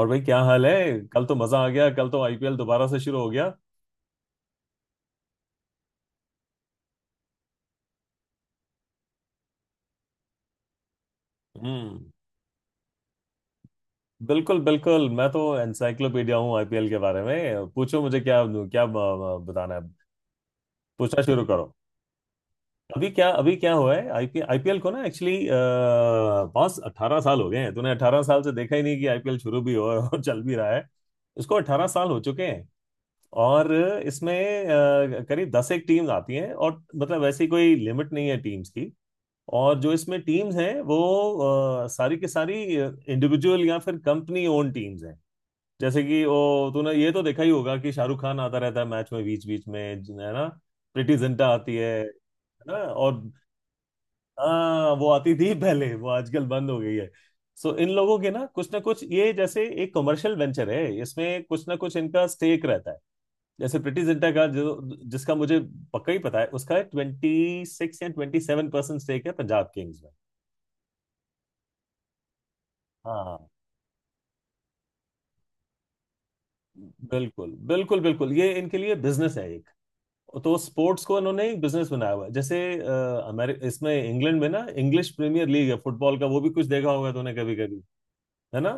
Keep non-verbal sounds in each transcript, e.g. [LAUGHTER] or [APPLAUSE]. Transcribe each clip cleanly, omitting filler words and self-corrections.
और भाई क्या हाल है। कल तो मजा आ गया। कल तो आईपीएल दोबारा से शुरू हो गया। हम्म। बिल्कुल बिल्कुल, मैं तो एनसाइक्लोपीडिया हूँ आईपीएल के बारे में। पूछो मुझे क्या क्या बताना है। पूछना शुरू करो। अभी क्या हुआ है आईपीएल आईपीएल को ना एक्चुअली पांच 18 साल हो गए हैं। तूने 18 साल से देखा ही नहीं कि आईपीएल शुरू भी हो और चल भी रहा है। इसको 18 साल हो चुके हैं। और इसमें करीब दस एक टीम्स आती हैं, और मतलब वैसी कोई लिमिट नहीं है टीम्स की। और जो इसमें टीम्स हैं वो सारी की सारी इंडिविजुअल या फिर कंपनी ओन टीम्स हैं। जैसे कि वो तूने ये तो देखा ही होगा कि शाहरुख खान आता रहता है मैच में बीच बीच में, है ना। प्रीटी जिंटा आती है ना। और हाँ, वो आती थी पहले, वो आजकल बंद हो गई है। सो इन लोगों के ना कुछ ना कुछ, ये जैसे एक कमर्शियल वेंचर है, इसमें कुछ ना कुछ इनका स्टेक रहता है। जैसे प्रीटी जिंटा का जो जिसका मुझे पक्का ही पता है, उसका 26 या 27% स्टेक है पंजाब किंग्स में। हाँ हाँ। बिल्कुल बिल्कुल बिल्कुल, ये इनके लिए बिजनेस है एक। तो स्पोर्ट्स को इन्होंने एक बिजनेस बनाया हुआ है। जैसे अमेर इसमें इंग्लैंड में ना इंग्लिश प्रीमियर लीग है फुटबॉल का, वो भी कुछ देखा होगा तूने कभी कभी, है ना।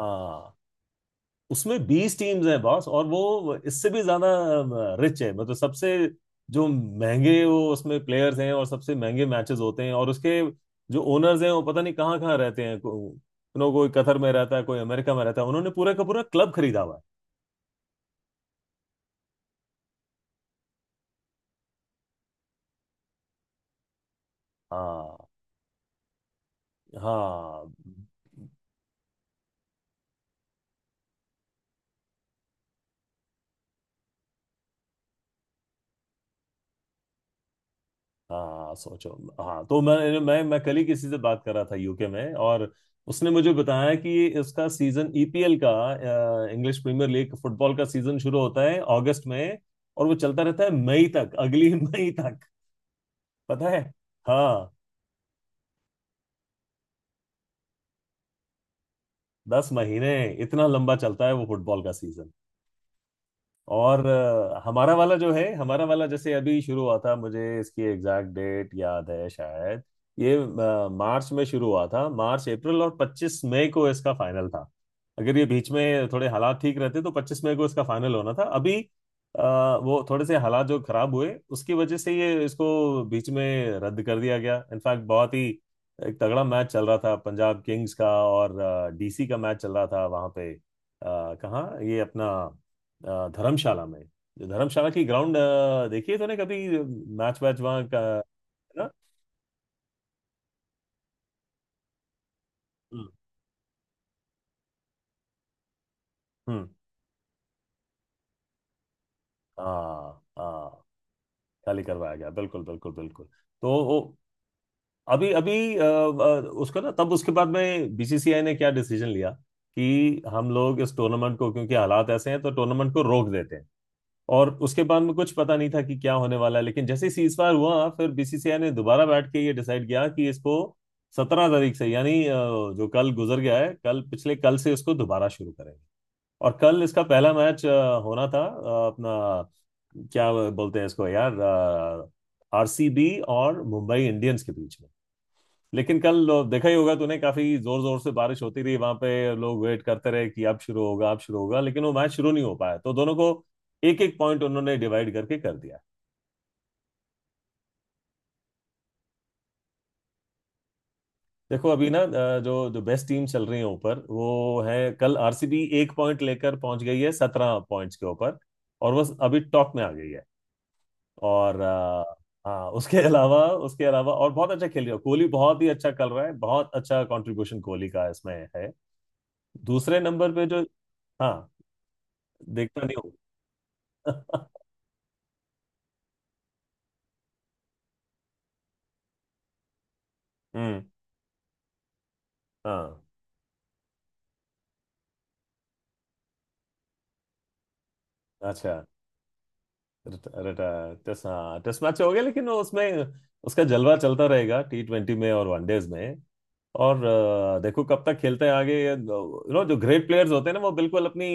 हाँ। उसमें 20 टीम्स हैं बॉस, और वो इससे भी ज्यादा रिच है। मतलब सबसे जो महंगे वो उसमें प्लेयर्स हैं और सबसे महंगे मैचेस होते हैं। और उसके जो ओनर्स हैं वो पता नहीं कहाँ कहाँ रहते हैं, नो कोई कतर में रहता है, कोई अमेरिका में रहता है, उन्होंने पूरा का पूरा क्लब खरीदा हुआ है। हाँ हाँ। हाँ सोचो। हाँ, तो मैं कल ही किसी से बात कर रहा था यूके में, और उसने मुझे बताया कि इसका सीजन, ईपीएल का इंग्लिश प्रीमियर लीग फुटबॉल का सीजन शुरू होता है अगस्त में, और वो चलता रहता है मई तक, अगली [LAUGHS] मई तक, पता है। हाँ। 10 महीने इतना लंबा चलता है वो फुटबॉल का सीजन। और हमारा वाला जो है, हमारा वाला जैसे अभी शुरू हुआ था, मुझे इसकी एग्जैक्ट डेट याद है शायद। ये मार्च में शुरू हुआ था, मार्च अप्रैल, और 25 मई को इसका फाइनल था। अगर ये बीच में थोड़े हालात ठीक रहते तो 25 मई को इसका फाइनल होना था अभी। अ, वो थोड़े से हालात जो खराब हुए उसकी वजह से ये इसको बीच में रद्द कर दिया गया। इनफैक्ट बहुत ही एक तगड़ा मैच चल रहा था, पंजाब किंग्स का और डीसी का मैच चल रहा था वहां पे, कहाँ ये अपना धर्मशाला में, धर्मशाला की ग्राउंड। देखिए तूने कभी मैच वैच वहाँ का है ना। हम्म, हम्म, हाँ हाँ, खाली करवाया गया बिल्कुल बिल्कुल बिल्कुल। तो वो अभी अभी उसको ना, तब उसके बाद में बीसीसीआई ने क्या डिसीजन लिया कि हम लोग इस टूर्नामेंट को, क्योंकि हालात ऐसे हैं तो टूर्नामेंट को रोक देते हैं। और उसके बाद में कुछ पता नहीं था कि क्या होने वाला है, लेकिन जैसे ही सीजफायर हुआ फिर बीसीसीआई ने दोबारा बैठ के ये डिसाइड किया कि इसको 17 तारीख से, यानी जो कल गुजर गया है, कल पिछले कल से इसको दोबारा शुरू करेंगे। और कल इसका पहला मैच होना था, अपना क्या बोलते हैं इसको यार, आरसीबी और मुंबई इंडियंस के बीच में। लेकिन कल देखा ही होगा तूने, काफी जोर जोर से बारिश होती रही वहां पे। लोग वेट करते रहे कि अब शुरू होगा अब शुरू होगा, लेकिन वो मैच शुरू नहीं हो पाया, तो दोनों को एक एक पॉइंट उन्होंने डिवाइड करके कर दिया। देखो अभी ना, जो जो बेस्ट टीम चल रही है ऊपर वो है कल आरसीबी, एक पॉइंट लेकर पहुंच गई है 17 पॉइंट्स के ऊपर, और वो अभी टॉप में आ गई है। और हाँ, उसके [LAUGHS] अलावा, उसके अलावा और बहुत अच्छा खेल रही है, कोहली बहुत ही अच्छा कर रहा है, बहुत अच्छा कंट्रीब्यूशन कोहली का इसमें है। दूसरे नंबर पे जो, हाँ, देखता नहीं हूँ। [LAUGHS] हम्म। हाँ अच्छा। रिटायर टेस्ट, हाँ, टेस्ट मैच हो गया, लेकिन वो उसमें उसका जलवा चलता रहेगा टी ट्वेंटी में और वनडेज में। और देखो कब तक खेलते हैं आगे। यू नो, जो ग्रेट प्लेयर्स होते हैं ना, वो बिल्कुल अपनी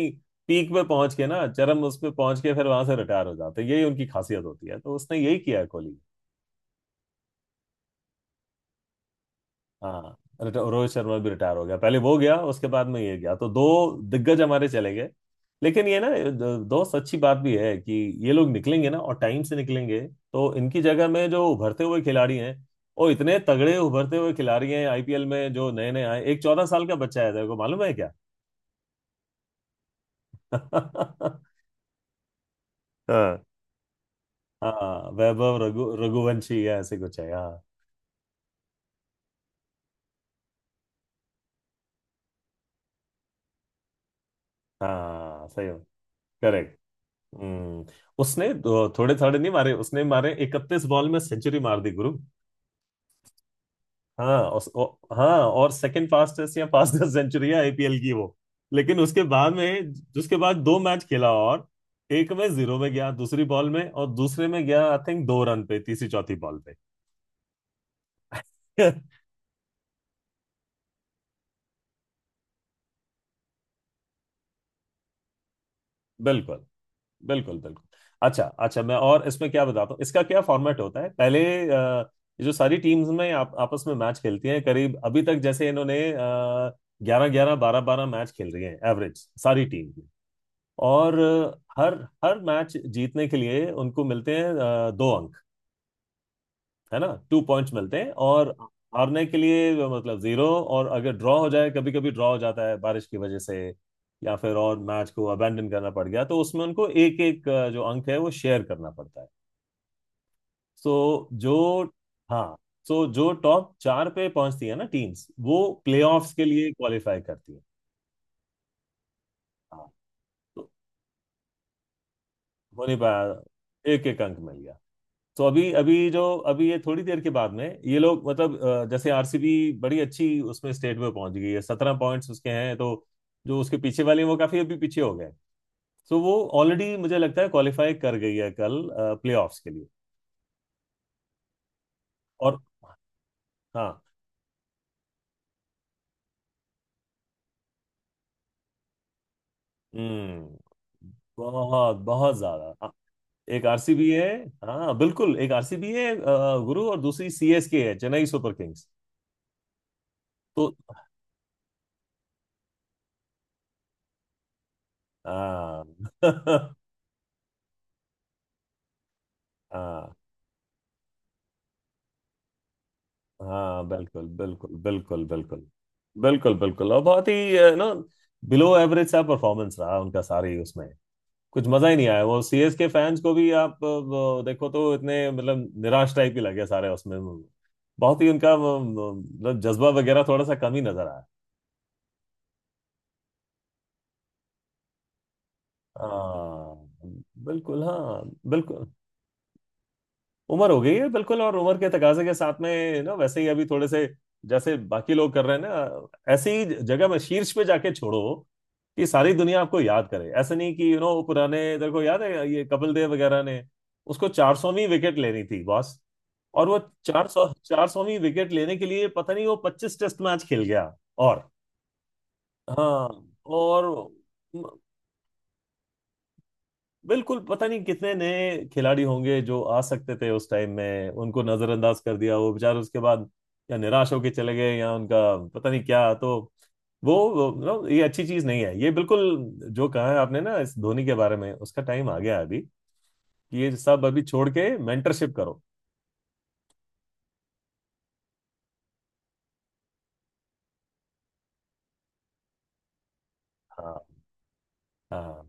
पीक पे पहुंच के ना, चरम उस पे पहुंच के फिर वहां से रिटायर हो जाते हैं। यही उनकी खासियत होती है, तो उसने यही किया है कोहली। हाँ। रोहित शर्मा भी रिटायर हो गया, पहले वो गया उसके बाद में ये गया, तो दो दिग्गज हमारे चले गए। लेकिन ये ना, दोस्त, अच्छी बात भी है कि ये लोग निकलेंगे ना, और टाइम से निकलेंगे। तो इनकी जगह में जो उभरते हुए खिलाड़ी हैं, और इतने तगड़े उभरते हुए खिलाड़ी हैं आईपीएल में जो नए नए आए। एक 14 साल का बच्चा है, तेरे को मालूम है क्या। [LAUGHS] हाँ। हाँ वैभव, रघु रघुवंशी या ऐसे कुछ है, हाँ। हाँ सही हो, करेक्ट। हम्म। उसने थोड़े थोड़े नहीं मारे, उसने मारे 31 बॉल में सेंचुरी मार दी गुरु। हाँ उस, ओ, हाँ, और सेकंड फास्टेस्ट या फास्टेस्ट सेंचुरी है आईपीएल की वो। लेकिन उसके बाद में, उसके बाद 2 मैच खेला, और एक में जीरो में गया दूसरी बॉल में, और दूसरे में गया आई थिंक 2 रन पे, तीसरी चौथी बॉल पे। [LAUGHS] बिल्कुल बिल्कुल बिल्कुल। अच्छा अच्छा, मैं और इसमें क्या बताता हूँ, इसका क्या फॉर्मेट होता है पहले। अ, ये जो सारी टीम्स में आप आपस में मैच खेलती हैं, करीब अभी तक जैसे इन्होंने ग्यारह ग्यारह बारह बारह मैच खेल रही हैं एवरेज सारी टीम की। और अ, हर हर मैच जीतने के लिए उनको मिलते हैं 2 अंक, है ना, 2 पॉइंट्स मिलते हैं। और हारने के लिए मतलब जीरो। और अगर ड्रॉ हो जाए, कभी कभी ड्रॉ हो जाता है बारिश की वजह से, या फिर और मैच को अबेंडन करना पड़ गया, तो उसमें उनको एक एक जो अंक है वो शेयर करना पड़ता है। सो जो, हाँ, सो जो टॉप चार पे पहुंचती है ना टीम्स, वो प्लेऑफ्स के लिए क्वालिफाई करती है। हाँ। तो होने पाया, एक एक अंक मिल गया। तो अभी अभी जो अभी ये थोड़ी देर के बाद में ये लोग मतलब, जैसे आरसीबी बड़ी अच्छी उसमें स्टेट में पहुंच गई है, सत्रह पॉइंट्स उसके हैं, तो जो उसके पीछे वाले हैं, वो काफी अभी पीछे हो गए, तो वो ऑलरेडी मुझे लगता है क्वालिफाई कर गई है कल प्लेऑफ्स के लिए। और हाँ हम्म, बहुत बहुत ज्यादा एक आरसीबी है। हाँ बिल्कुल, एक आरसीबी है गुरु, और दूसरी सीएसके है, चेन्नई सुपर किंग्स। तो हाँ। [LAUGHS] हाँ बिल्कुल बिल्कुल बिल्कुल बिल्कुल बिल्कुल बिल्कुल, और बहुत ही ना, बिलो एवरेज सा परफॉर्मेंस रहा उनका सारी उसमें। कुछ मजा ही नहीं आया, वो सीएस के फैंस को भी आप देखो तो इतने मतलब निराश टाइप ही लगे सारे उसमें, बहुत ही उनका मतलब जज्बा वगैरह थोड़ा सा कम ही नजर आया। हाँ बिल्कुल, हाँ बिल्कुल। उम्र हो गई है बिल्कुल, और उम्र के तकाजे के साथ में ना वैसे ही अभी थोड़े से, जैसे बाकी लोग कर रहे हैं ना, ऐसी ही जगह में शीर्ष पे जाके छोड़ो कि सारी दुनिया आपको याद करे। ऐसे नहीं कि यू नो, पुराने तेरे को याद है, ये कपिल देव वगैरह ने उसको 400वीं विकेट लेनी थी बॉस, और वो 400वीं विकेट लेने के लिए पता नहीं वो 25 टेस्ट मैच खेल गया। और, हाँ, और बिल्कुल, पता नहीं कितने नए खिलाड़ी होंगे जो आ सकते थे उस टाइम में, उनको नजरअंदाज कर दिया, वो बेचारे उसके बाद या निराश होके चले गए या उनका पता नहीं क्या, तो नो, ये अच्छी चीज नहीं है ये बिल्कुल। जो कहा है आपने ना इस धोनी के बारे में, उसका टाइम आ गया है अभी कि ये सब अभी छोड़ के मेंटरशिप करो। हाँ हाँ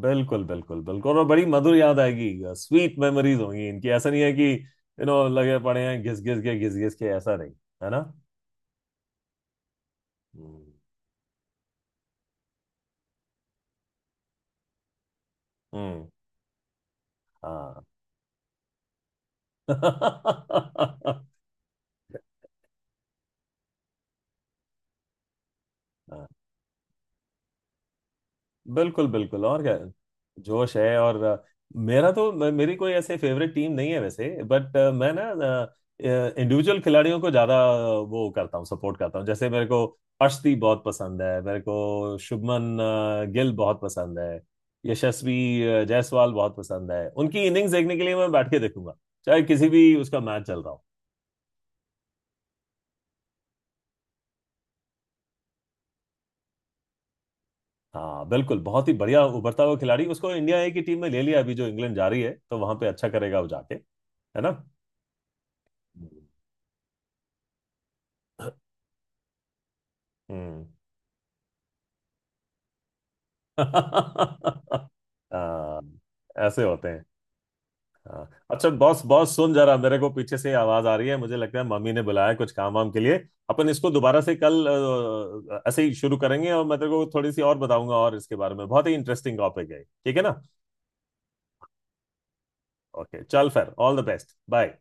बिल्कुल बिल्कुल बिल्कुल, और बड़ी मधुर याद आएगी, स्वीट मेमोरीज होंगी इनकी। ऐसा नहीं है कि यू नो लगे पड़े हैं घिस घिस के, घिस घिस के, ऐसा नहीं, है ना। हम्म हम्म, हाँ बिल्कुल बिल्कुल। और क्या जोश है, और मेरा तो मेरी कोई ऐसे फेवरेट टीम नहीं है वैसे, बट मैं ना इंडिविजुअल खिलाड़ियों को ज्यादा वो करता हूँ, सपोर्ट करता हूँ। जैसे मेरे को अर्शदीप बहुत पसंद है, मेरे को शुभमन गिल बहुत पसंद है, यशस्वी जायसवाल बहुत पसंद है, उनकी इनिंग्स देखने के लिए मैं बैठ के देखूंगा चाहे किसी भी उसका मैच चल रहा हो। हाँ बिल्कुल, बहुत ही बढ़िया उभरता हुआ खिलाड़ी, उसको इंडिया ए की टीम में ले लिया अभी जो इंग्लैंड जा रही है, तो वहां पे अच्छा करेगा वो जाके, है ना। हम्म। [LAUGHS] हाँ, ऐसे होते हैं। हाँ अच्छा, बॉस बॉस सुन जरा, मेरे को पीछे से आवाज आ रही है, मुझे लगता है मम्मी ने बुलाया है कुछ काम वाम के लिए। अपन इसको दोबारा से कल ऐसे ही शुरू करेंगे, और मैं तेरे को थोड़ी सी और बताऊंगा, और इसके बारे में बहुत ही इंटरेस्टिंग टॉपिक है, ठीक है ना। ओके चल, फिर ऑल द बेस्ट, बाय।